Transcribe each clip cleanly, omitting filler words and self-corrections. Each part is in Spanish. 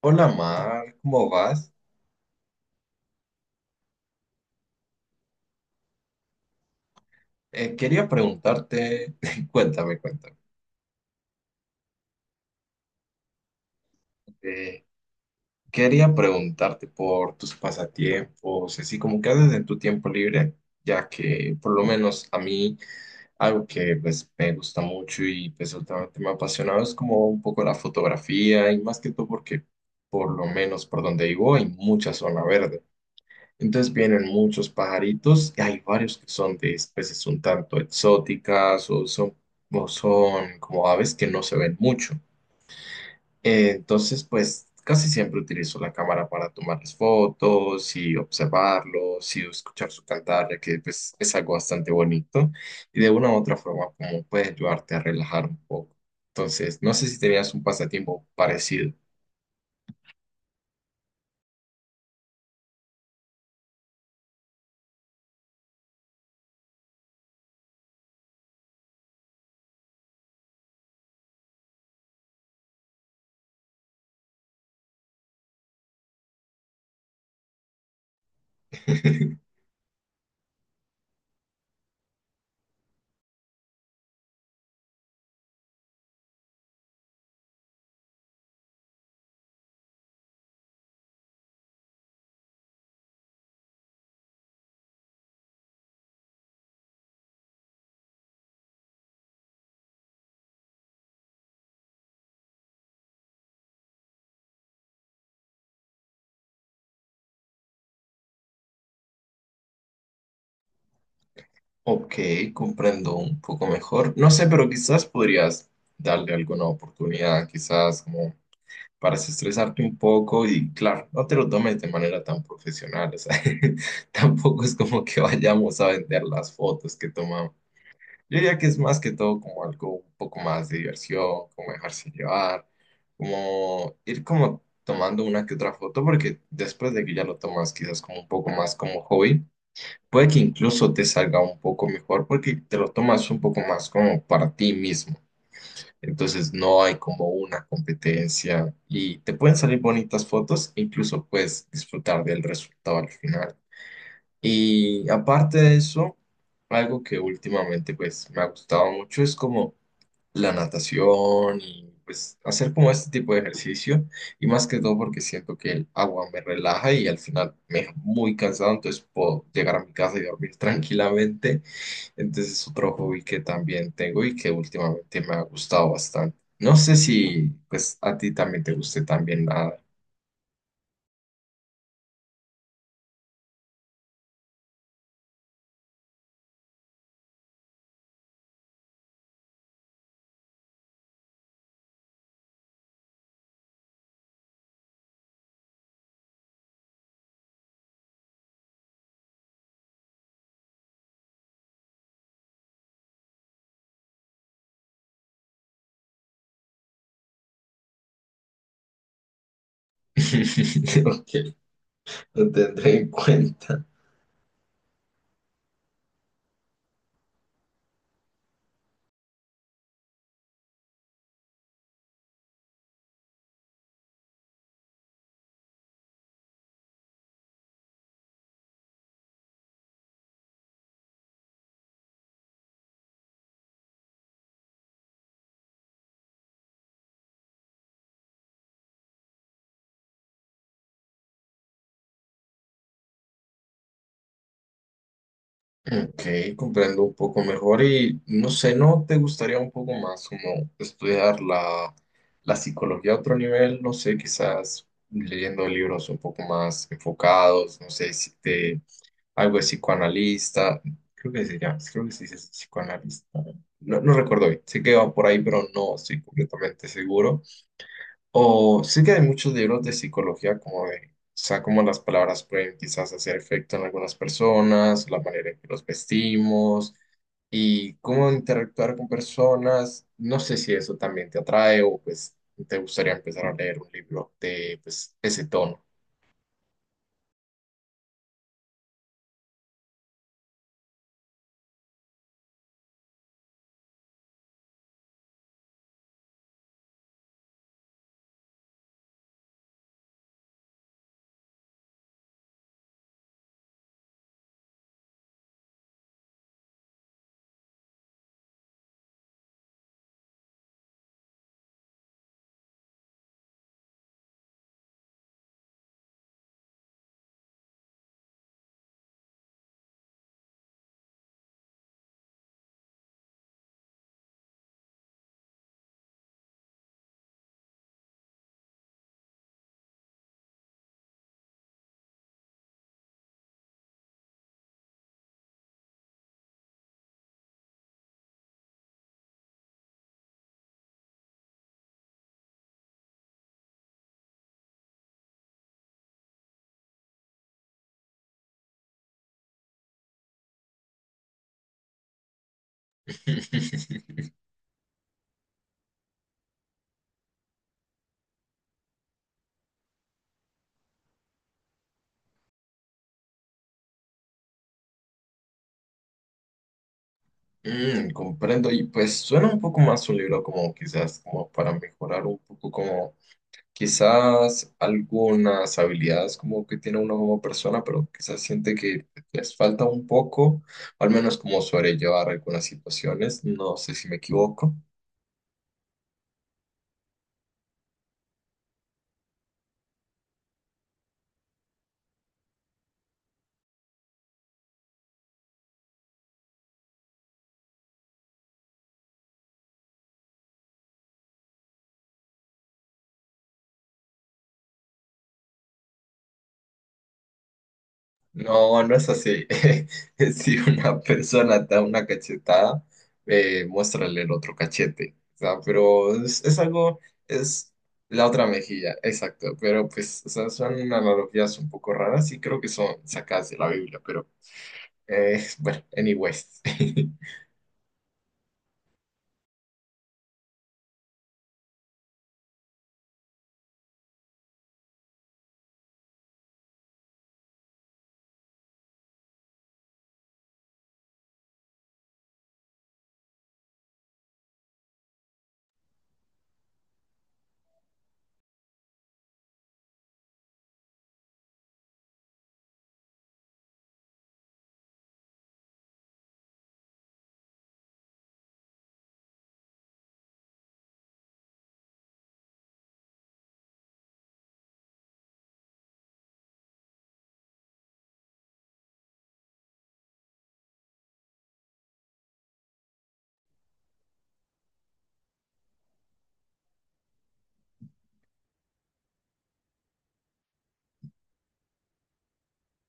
Hola Mar, ¿cómo vas? Quería preguntarte, cuéntame, cuéntame. Eh, quería preguntarte por tus pasatiempos, así como qué haces en tu tiempo libre, ya que por lo menos a mí algo que pues me gusta mucho y pues últimamente me ha apasionado es como un poco la fotografía y más que todo porque por lo menos por donde vivo hay mucha zona verde. Entonces vienen muchos pajaritos y hay varios que son de especies un tanto exóticas o son como aves que no se ven mucho. Entonces, pues casi siempre utilizo la cámara para tomarles fotos y observarlos y escuchar su cantar, ya que pues, es algo bastante bonito y de una u otra forma como puede ayudarte a relajar un poco. Entonces, no sé si tenías un pasatiempo parecido. Ok, comprendo un poco mejor. No sé, pero quizás podrías darle alguna oportunidad, quizás como para estresarte un poco y claro, no te lo tomes de manera tan profesional, o sea, tampoco es como que vayamos a vender las fotos que tomamos. Yo diría que es más que todo como algo un poco más de diversión, como dejarse llevar, como ir como tomando una que otra foto, porque después de que ya lo tomas quizás como un poco más como hobby. Puede que incluso te salga un poco mejor porque te lo tomas un poco más como para ti mismo. Entonces no hay como una competencia y te pueden salir bonitas fotos e incluso puedes disfrutar del resultado al final. Y aparte de eso, algo que últimamente pues me ha gustado mucho es como la natación y pues hacer como este tipo de ejercicio y más que todo porque siento que el agua me relaja y al final me deja muy cansado, entonces puedo llegar a mi casa y dormir tranquilamente. Entonces es otro hobby que también tengo y que últimamente me ha gustado bastante. No sé si pues a ti también te guste también nada. Lo que lo tendré en cuenta. Ok, comprendo un poco mejor y no sé, ¿no te gustaría un poco más como estudiar la psicología a otro nivel? No sé, quizás leyendo libros un poco más enfocados, no sé, si te, algo de psicoanalista, creo que se llama, creo que se dice psicoanalista, no, no recuerdo bien, sé que va por ahí, pero no estoy completamente seguro. O sí que hay muchos libros de psicología, como de, o sea, cómo las palabras pueden quizás hacer efecto en algunas personas, la manera en que los vestimos y cómo interactuar con personas. No sé si eso también te atrae o pues te gustaría empezar a leer un libro de pues ese tono. Mm, comprendo y pues suena un poco más un libro como quizás como para mejorar un poco como quizás algunas habilidades como que tiene uno como persona, pero quizás siente que les falta un poco, al menos como sobrellevar algunas situaciones. No sé si me equivoco. No, no es así. Si una persona te da una cachetada, muéstrale el otro cachete. O sea, pero es algo, es la otra mejilla, exacto. Pero pues, o sea, son analogías un poco raras y creo que son sacadas de la Biblia, pero bueno, anyways.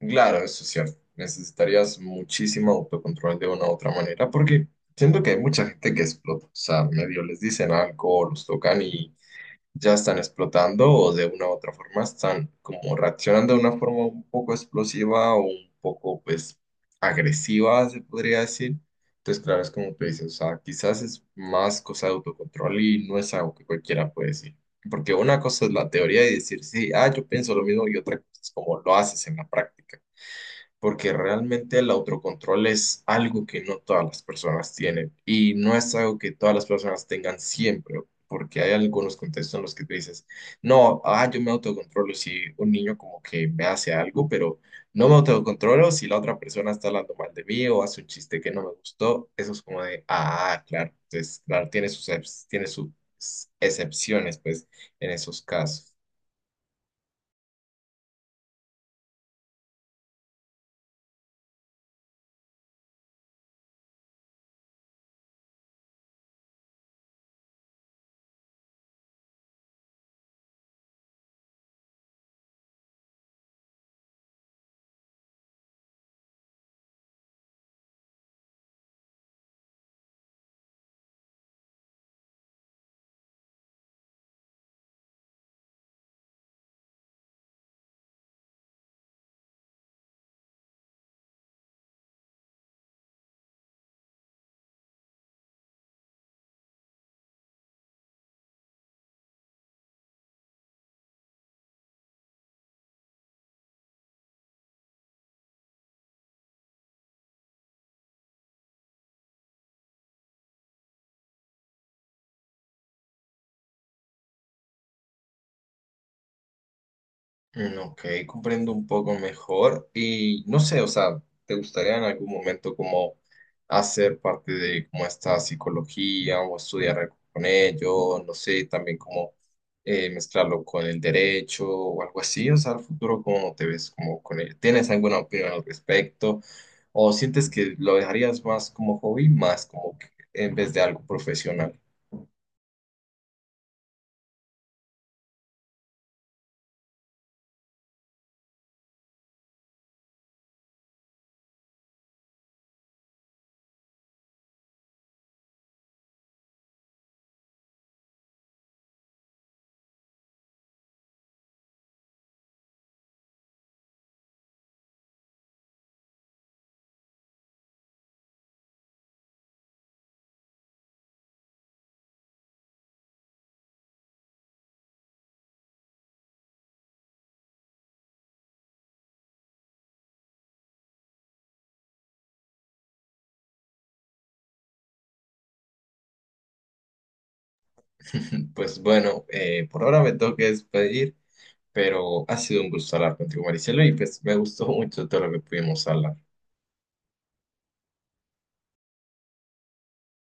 Claro, eso es cierto. Necesitarías muchísimo autocontrol de una u otra manera, porque siento que hay mucha gente que explota. O sea, medio les dicen algo, los tocan y ya están explotando, o de una u otra forma están como reaccionando de una forma un poco explosiva o un poco, pues, agresiva, se podría decir. Entonces, claro, es como tú dices, o sea, quizás es más cosa de autocontrol y no es algo que cualquiera puede decir. Porque una cosa es la teoría y decir, sí, ah, yo pienso lo mismo, y otra cosa es como lo haces en la práctica porque realmente el autocontrol es algo que no todas las personas tienen y no es algo que todas las personas tengan siempre, porque hay algunos contextos en los que tú dices, no, ah, yo me autocontrolo si un niño como que me hace algo, pero no me autocontrolo si la otra persona está hablando mal de mí o hace un chiste que no me gustó, eso es como de, ah, claro, entonces, claro, tiene sus, tiene sus excepciones, pues, en esos casos. Mm, ok, comprendo un poco mejor y no sé, o sea, ¿te gustaría en algún momento como hacer parte de como esta psicología o estudiar algo con ello? No sé, también como mezclarlo con el derecho o algo así, o sea, ¿al futuro cómo te ves como con ello? ¿Tienes alguna opinión al respecto? ¿O sientes que lo dejarías más como hobby, más como que en vez de algo profesional? Pues bueno, por ahora me tengo que despedir, pero ha sido un gusto hablar contigo, Maricela, y pues me gustó mucho todo lo que pudimos hablar.